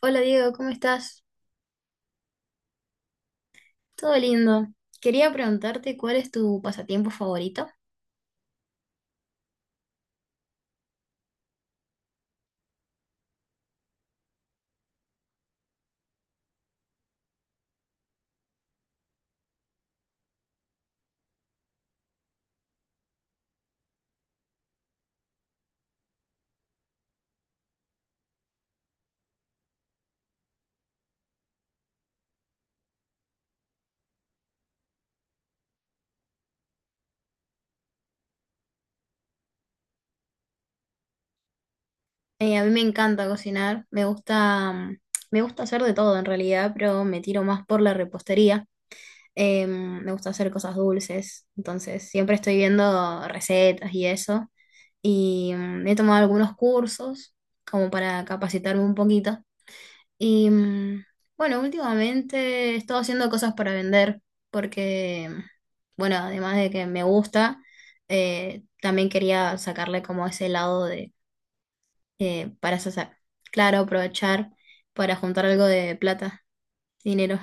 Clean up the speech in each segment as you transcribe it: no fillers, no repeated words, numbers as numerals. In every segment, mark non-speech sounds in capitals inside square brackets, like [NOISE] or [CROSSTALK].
Hola Diego, ¿cómo estás? Todo lindo. Quería preguntarte cuál es tu pasatiempo favorito. A mí me encanta cocinar, me gusta hacer de todo en realidad, pero me tiro más por la repostería. Me gusta hacer cosas dulces, entonces siempre estoy viendo recetas y eso. Y he tomado algunos cursos como para capacitarme un poquito. Y bueno, últimamente he estado haciendo cosas para vender porque, bueno, además de que me gusta, también quería sacarle como ese lado de, eh, para sa- claro, aprovechar para juntar algo de plata, dinero.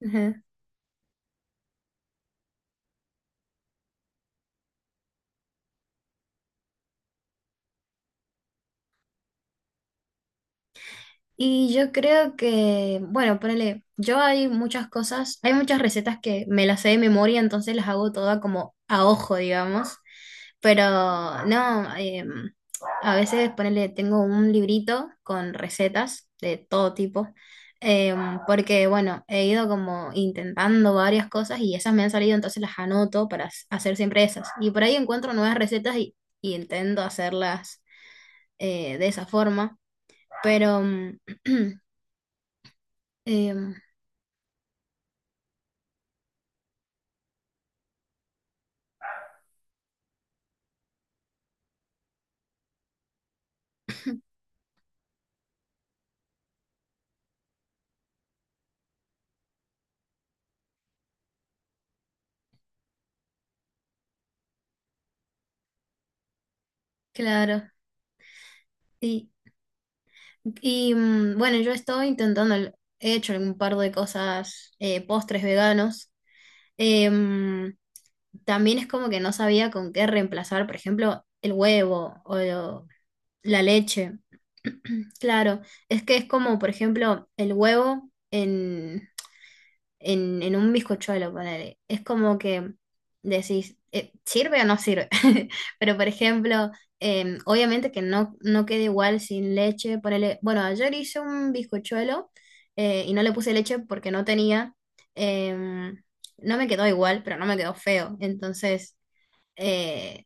Ujú. Y yo creo que, bueno, ponele, yo hay muchas cosas, hay muchas recetas que me las sé de memoria, entonces las hago todas como a ojo, digamos. Pero no, a veces ponele, tengo un librito con recetas de todo tipo. Porque bueno, he ido como intentando varias cosas y esas me han salido, entonces las anoto para hacer siempre esas. Y por ahí encuentro nuevas recetas y intento hacerlas de esa forma, pero [CLEARS THROAT] em, claro, y, y bueno, yo estoy intentando, he hecho un par de cosas, postres veganos. Em, También es como que no sabía con qué reemplazar, por ejemplo, el huevo o la leche. [CLEARS THROAT] Claro, es que es como, por ejemplo, el huevo en, en un bizcochuelo, ponele. Es como que decís, ¿sirve o no sirve? [LAUGHS] Pero, por ejemplo, obviamente que no, no queda igual sin leche, ponele. Bueno, ayer hice un bizcochuelo y no le puse leche porque no tenía. em, no me quedó igual, pero no me quedó feo. Entonces eh,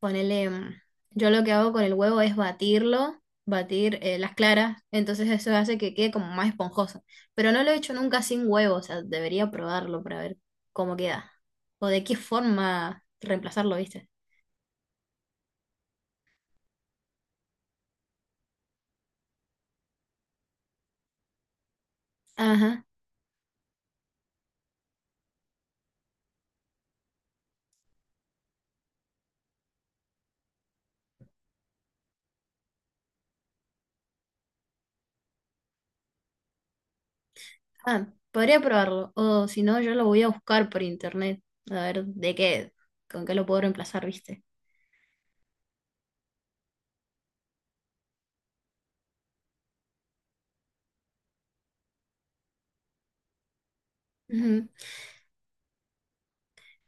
ponele, yo lo que hago con el huevo es batirlo, batir las claras, entonces eso hace que quede como más esponjoso. Pero no lo he hecho nunca sin huevo, o sea, debería probarlo para ver cómo queda. O de qué forma reemplazarlo, ¿viste? Ajá. Ah, podría probarlo. O si no, yo lo voy a buscar por internet. A ver de qué, con qué lo puedo reemplazar, ¿viste? Ujú.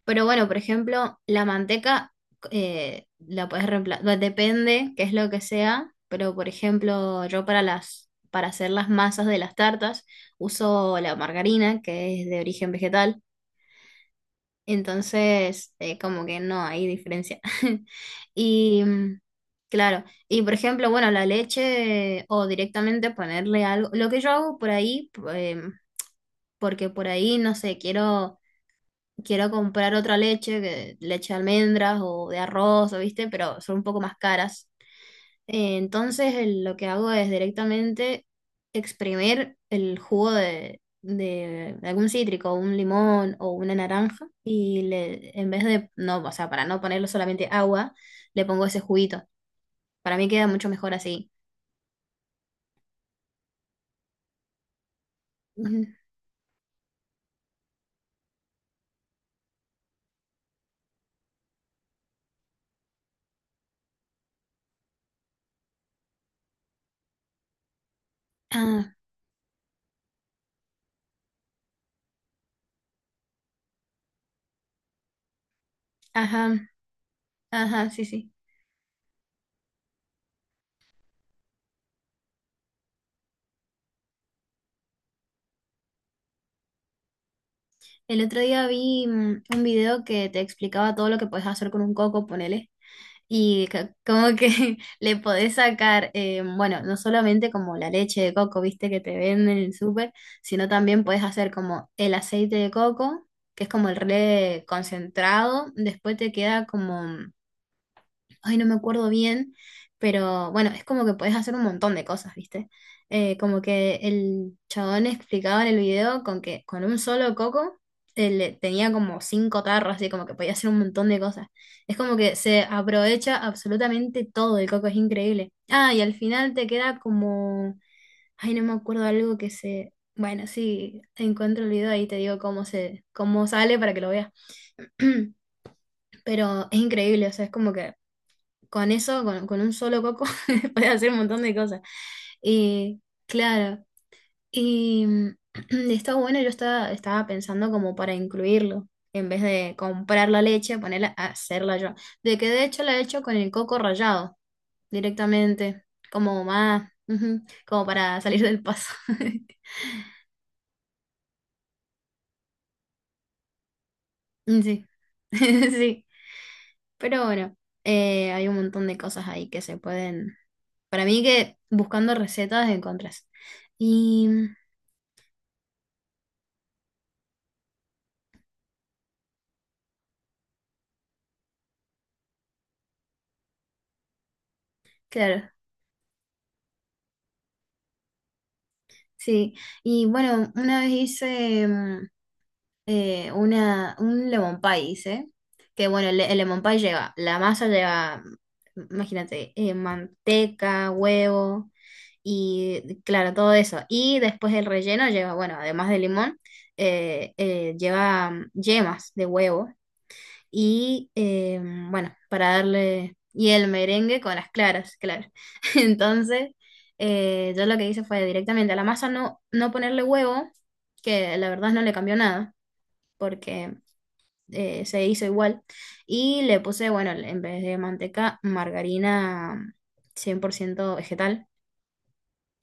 Pero bueno, por ejemplo, la manteca la puedes reemplazar, depende qué es lo que sea, pero por ejemplo, yo para hacer las masas de las tartas uso la margarina, que es de origen vegetal, entonces como que no hay diferencia. [LAUGHS] Y claro, y por ejemplo, bueno, la leche o directamente ponerle algo, lo que yo hago por ahí, porque por ahí, no sé, quiero comprar otra leche, leche de almendras o de arroz, o ¿viste? Pero son un poco más caras. Entonces lo que hago es directamente exprimir el jugo de algún cítrico, un limón o una naranja, y le, en vez de, no, o sea, para no ponerle solamente agua, le pongo ese juguito. Para mí queda mucho mejor así. Ujú. Ah, ajá, ajá, sí, sí. El otro día vi un video que te explicaba todo lo que puedes hacer con un coco, ponele. Y como que [LAUGHS] le podés sacar, bueno, no solamente como la leche de coco, viste, que te venden en el súper, sino también podés hacer como el aceite de coco, que es como el re concentrado, después te queda como ay, no me acuerdo bien, pero bueno, es como que podés hacer un montón de cosas, ¿viste? Como que el chabón explicaba en el video con que con un solo coco tenía como cinco tarros, así como que podía hacer un montón de cosas. Es como que se aprovecha absolutamente todo el coco, es increíble. Ah, y al final te queda como, ay, no me acuerdo algo que se... Bueno, sí, encuentro el video ahí, te digo cómo se, cómo sale para que lo veas. [CLEARS THROAT] Pero es increíble, o sea, es como que con eso, con un solo coco, [LAUGHS] puedes hacer un montón de cosas. Y claro, y [CLEARS THROAT] está bueno, yo estaba pensando como para incluirlo, en vez de comprar la leche, ponerla hacerla yo. De que de hecho la he hecho con el coco rallado, directamente, como más, ujú, como para salir del paso. [LAUGHS] Sí, [LAUGHS] sí, pero bueno, hay un montón de cosas ahí que se pueden, para mí que buscando recetas encontrás. Y claro, sí, y bueno, una vez hice un lemon pie, hice, que bueno, el lemon pie lleva, la masa lleva, imagínate, manteca, huevo y claro, todo eso. Y después el relleno lleva, bueno, además de limón, lleva yemas de huevo y bueno, para darle, y el merengue con las claras, claro. [LAUGHS] Entonces, yo lo que hice fue directamente a la masa no, no ponerle huevo, que la verdad no le cambió nada, porque se hizo igual, y le puse, bueno, en vez de manteca, margarina 100% vegetal,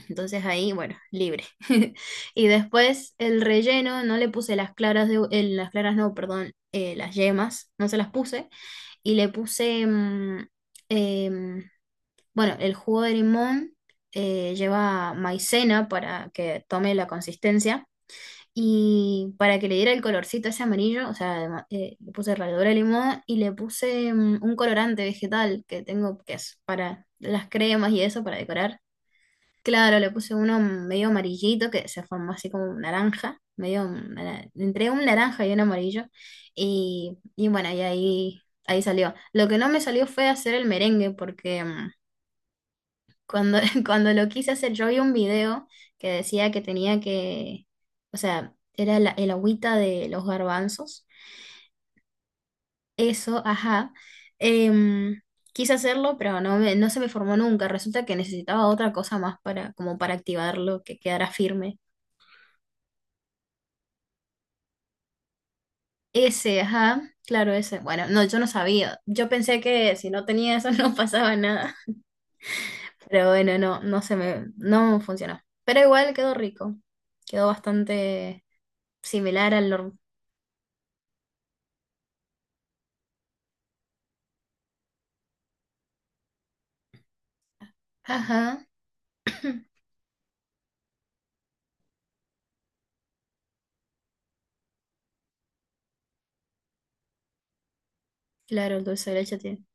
entonces ahí, bueno, libre. [LAUGHS] Y después el relleno, no le puse las claras de, las claras no, perdón, las yemas, no se las puse. Y le puse, em, bueno, el jugo de limón lleva maicena para que tome la consistencia. Y para que le diera el colorcito ese amarillo, o sea, además, le puse ralladura de limón y le puse un colorante vegetal que tengo, que es para las cremas y eso, para decorar. Claro, le puse uno medio amarillito que se formó así como un naranja, entre un naranja y un amarillo. Y bueno, y ahí salió. Lo que no me salió fue hacer el merengue, porque cuando, [LAUGHS] cuando lo quise hacer, yo vi un video que decía que tenía que, o sea, era el agüita de los garbanzos. Eso, ajá. Em, Quise hacerlo, pero no, no se me formó nunca. Resulta que necesitaba otra cosa más para, como para activarlo, que quedara firme. Ese, ajá, claro, ese. Bueno, no, yo no sabía. Yo pensé que si no tenía eso [LAUGHS] no pasaba nada. Pero bueno, no, no se me, no funcionó. Pero igual quedó rico. Quedó bastante similar al normal. Ajá. [CLEARS THROAT] Claro, el dulce de leche tiene.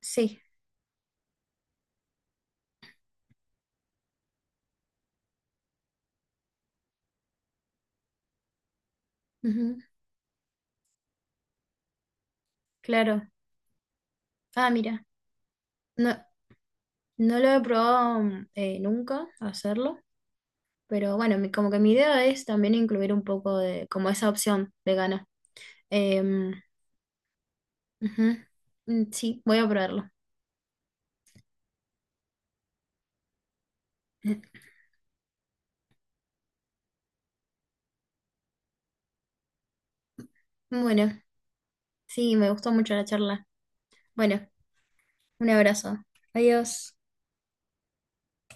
Sí. Ujú, claro. Ah, mira. No, no lo he probado nunca hacerlo. Pero bueno, como que mi idea es también incluir un poco de, como esa opción vegana. Em, Ujú, mm, sí, voy a probarlo. [LAUGHS] Bueno, sí, me gustó mucho la charla. Bueno, un abrazo. Adiós.